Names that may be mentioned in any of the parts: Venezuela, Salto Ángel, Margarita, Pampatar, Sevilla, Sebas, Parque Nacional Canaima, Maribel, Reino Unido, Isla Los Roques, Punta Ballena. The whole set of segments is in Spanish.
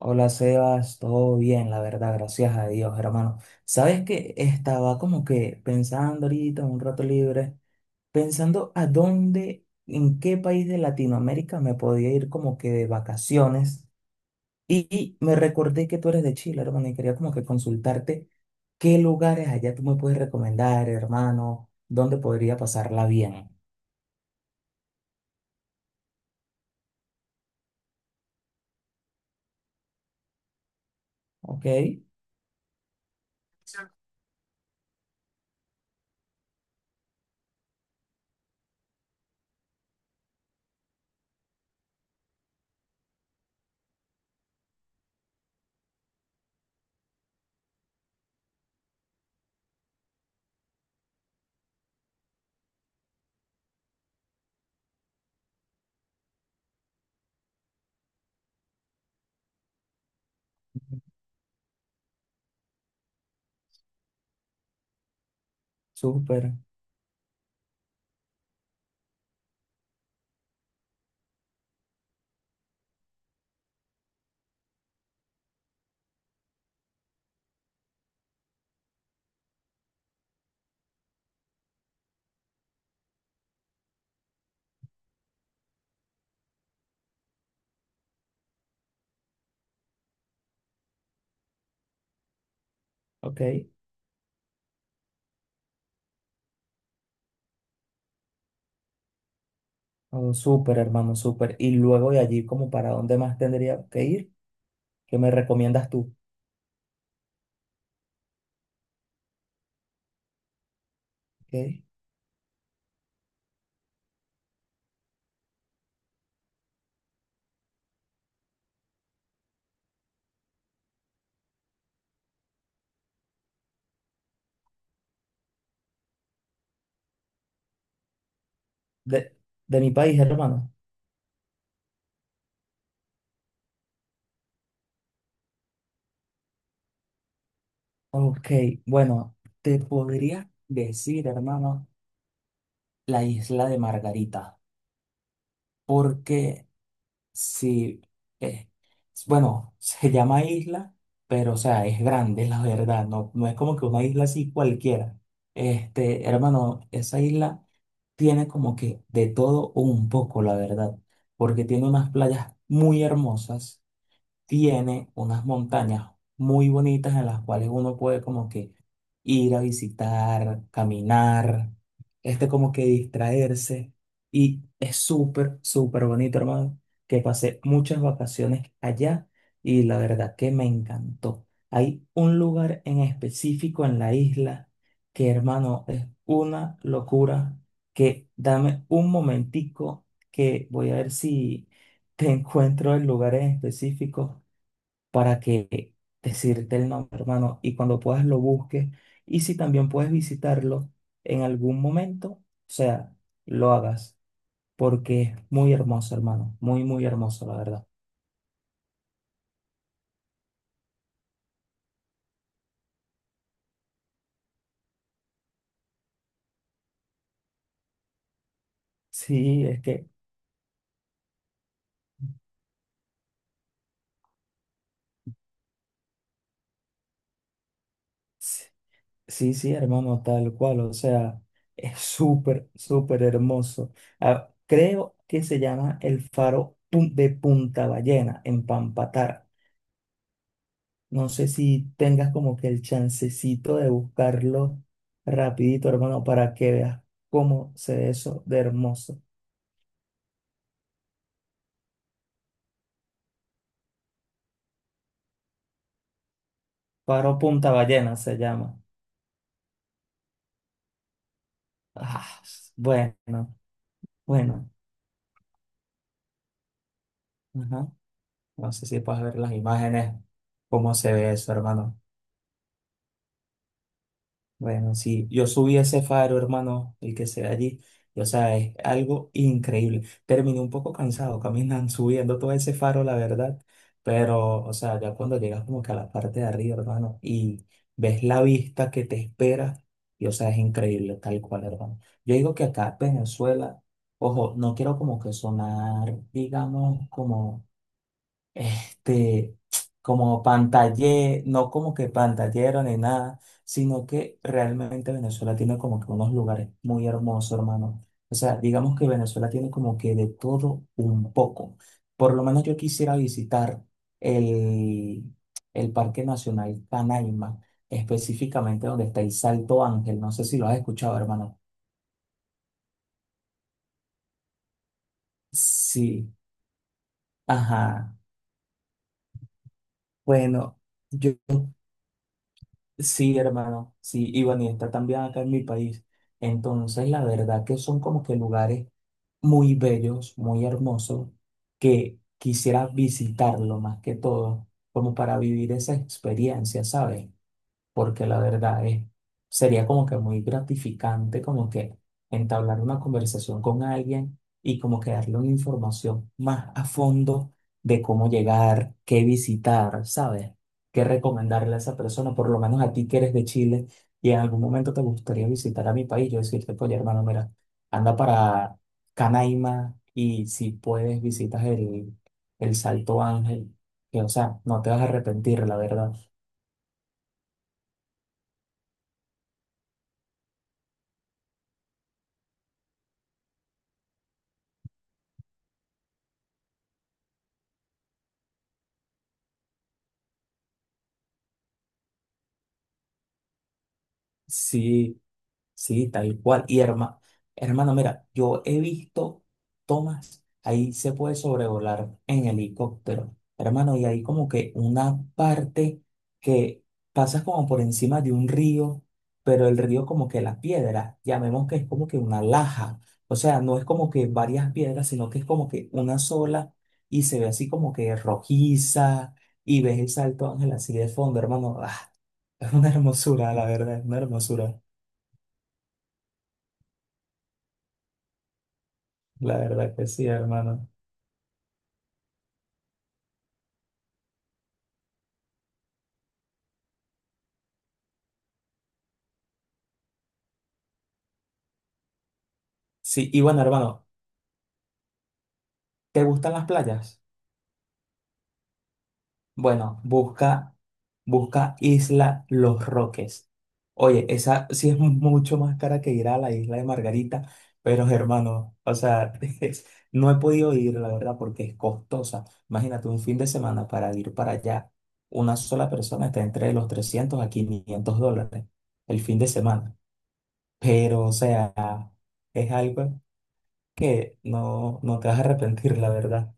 Hola Sebas, todo bien, la verdad, gracias a Dios, hermano. Sabes que estaba como que pensando ahorita, un rato libre, pensando a dónde, en qué país de Latinoamérica me podía ir como que de vacaciones. Y me recordé que tú eres de Chile, hermano, y quería como que consultarte qué lugares allá tú me puedes recomendar, hermano, dónde podría pasarla bien. Ok, súper, ok, oh, súper, hermano, súper. Y luego de allí, como para dónde más tendría que ir. ¿Qué me recomiendas tú? ¿Ok? De, de mi país, hermano. Ok, bueno, te podría decir, hermano, la isla de Margarita, porque si, eh, bueno, se llama isla, pero o sea, es grande, la verdad, no, no es como que una isla así cualquiera. Este, hermano, esa isla tiene como que de todo un poco, la verdad, porque tiene unas playas muy hermosas, tiene unas montañas muy bonitas en las cuales uno puede como que ir a visitar, caminar, este, como que distraerse. Y es súper, súper bonito, hermano, que pasé muchas vacaciones allá y la verdad que me encantó. Hay un lugar en específico en la isla que, hermano, es una locura, que dame un momentico que voy a ver si te encuentro el lugar en específico para que decirte el nombre, hermano, y cuando puedas lo busques. Y si también puedes visitarlo en algún momento, o sea, lo hagas, porque es muy hermoso, hermano, muy, muy hermoso, la verdad. Sí, es que, s- sí, sí, hermano, tal cual, o sea, es súper, súper hermoso. Ah, creo que se llama el faro de Punta Ballena, en Pampatar. No sé si tengas como que el chancecito de buscarlo rapidito, hermano, para que veas cómo se ve eso de hermoso. Paro Punta Ballena se llama. Ah, bueno, bueno. Ajá. No sé si puedes ver las imágenes, cómo se ve eso, hermano. Bueno, sí, yo subí ese faro, hermano, el que se ve allí. O sea, es algo increíble. Terminé un poco cansado caminando, subiendo todo ese faro, la verdad. Pero, o sea, ya cuando llegas como que a la parte de arriba, hermano, y ves la vista que te espera, y o sea, es increíble, tal cual, hermano. Yo digo que acá en Venezuela, ojo, no quiero como que sonar, digamos, como este, como pantallero, no como que pantallero ni nada, sino que realmente Venezuela tiene como que unos lugares muy hermosos, hermano. O sea, digamos que Venezuela tiene como que de todo un poco. Por lo menos yo quisiera visitar el, el Parque Nacional Canaima, específicamente donde está el Salto Ángel. No sé si lo has escuchado, hermano. Sí, ajá. Bueno, yo sí, hermano, sí, y bueno, y está también acá en mi país. Entonces, la verdad que son como que lugares muy bellos, muy hermosos, que quisiera visitarlo más que todo, como para vivir esa experiencia, ¿sabes? Porque la verdad es, sería como que muy gratificante como que entablar una conversación con alguien y como que darle una información más a fondo de cómo llegar, qué visitar, ¿sabes? Qué recomendarle a esa persona, por lo menos a ti que eres de Chile y en algún momento te gustaría visitar a mi país, yo decirte, oye, hermano, mira, anda para Canaima y si puedes visitas el Salto Ángel, que o sea, no te vas a arrepentir, la verdad. Sí, sí, tal cual. Y hermano, mira, yo he visto tomas, ahí se puede sobrevolar en helicóptero, hermano, y hay como que una parte que pasas como por encima de un río, pero el río como que la piedra, llamemos que es como que una laja, o sea, no es como que varias piedras, sino que es como que una sola y se ve así como que rojiza y ves el Salto Ángel así de fondo, hermano. Ah, es una hermosura, la verdad, es una hermosura. La verdad que sí, hermano. Sí, y bueno, hermano, ¿te gustan las playas? Bueno, busca Isla Los Roques. Oye, esa sí es mucho más cara que ir a la isla de Margarita, pero hermano, o sea, es- no he podido ir, la verdad, porque es costosa. Imagínate, un fin de semana para ir para allá, una sola persona está entre los $300 a $500 el fin de semana. Pero, o sea, es algo que no, no te vas a arrepentir, la verdad.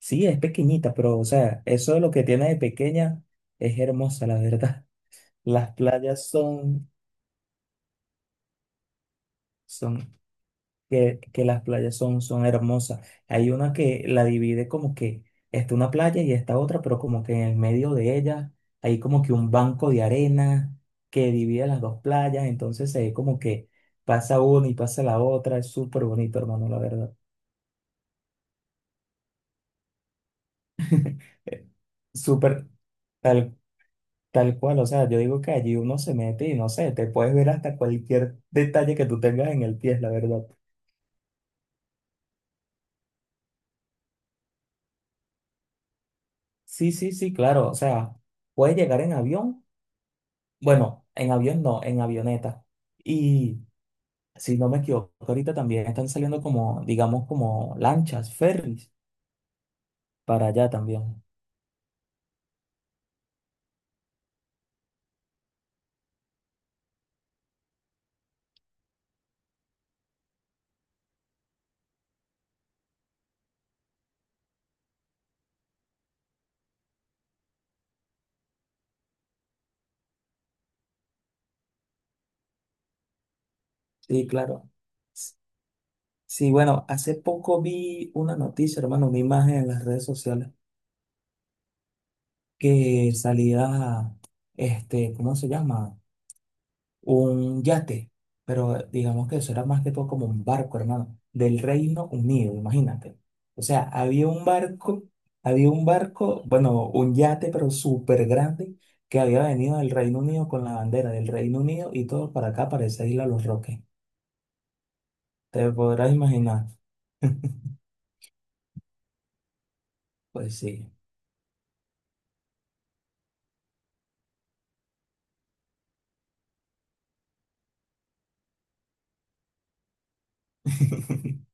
Sí, es pequeñita, pero o sea, eso de lo que tiene de pequeña es hermosa, la verdad. Las playas son, son, que las playas son, son hermosas. Hay una que la divide como que está una playa y está otra, pero como que en el medio de ella hay como que un banco de arena que divide las dos playas, entonces se ve como que pasa una y pasa la otra. Es súper bonito, hermano, la verdad. Eh, Súper, tal tal cual, o sea, yo digo que allí uno se mete y no sé, te puedes ver hasta cualquier detalle que tú tengas en el pie, la verdad. Sí, sí, sí, claro, o sea, puedes llegar en avión, bueno, en avión no, en avioneta. Y si no me equivoco, ahorita también están saliendo como, digamos, como lanchas, ferries para allá también. Sí, claro. S- Sí, bueno, hace poco vi una noticia, hermano, una imagen en las redes sociales que salía, este, ¿cómo se llama? Un yate, pero digamos que eso era más que todo como un barco, hermano, del Reino Unido, imagínate. O sea, había un barco, bueno, un yate, pero súper grande, que había venido del Reino Unido con la bandera del Reino Unido y todo para acá, para esa isla Los Roques. Te podrás imaginar. Pues sí.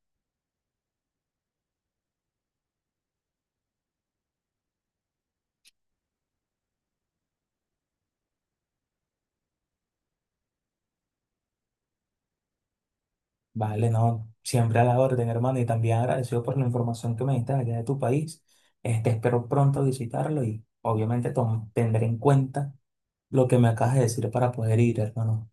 Vale, no, siempre a la orden, hermano, y también agradecido por la información que me diste allá de tu país. Este, espero pronto visitarlo y obviamente tendré en cuenta lo que me acabas de decir para poder ir, hermano.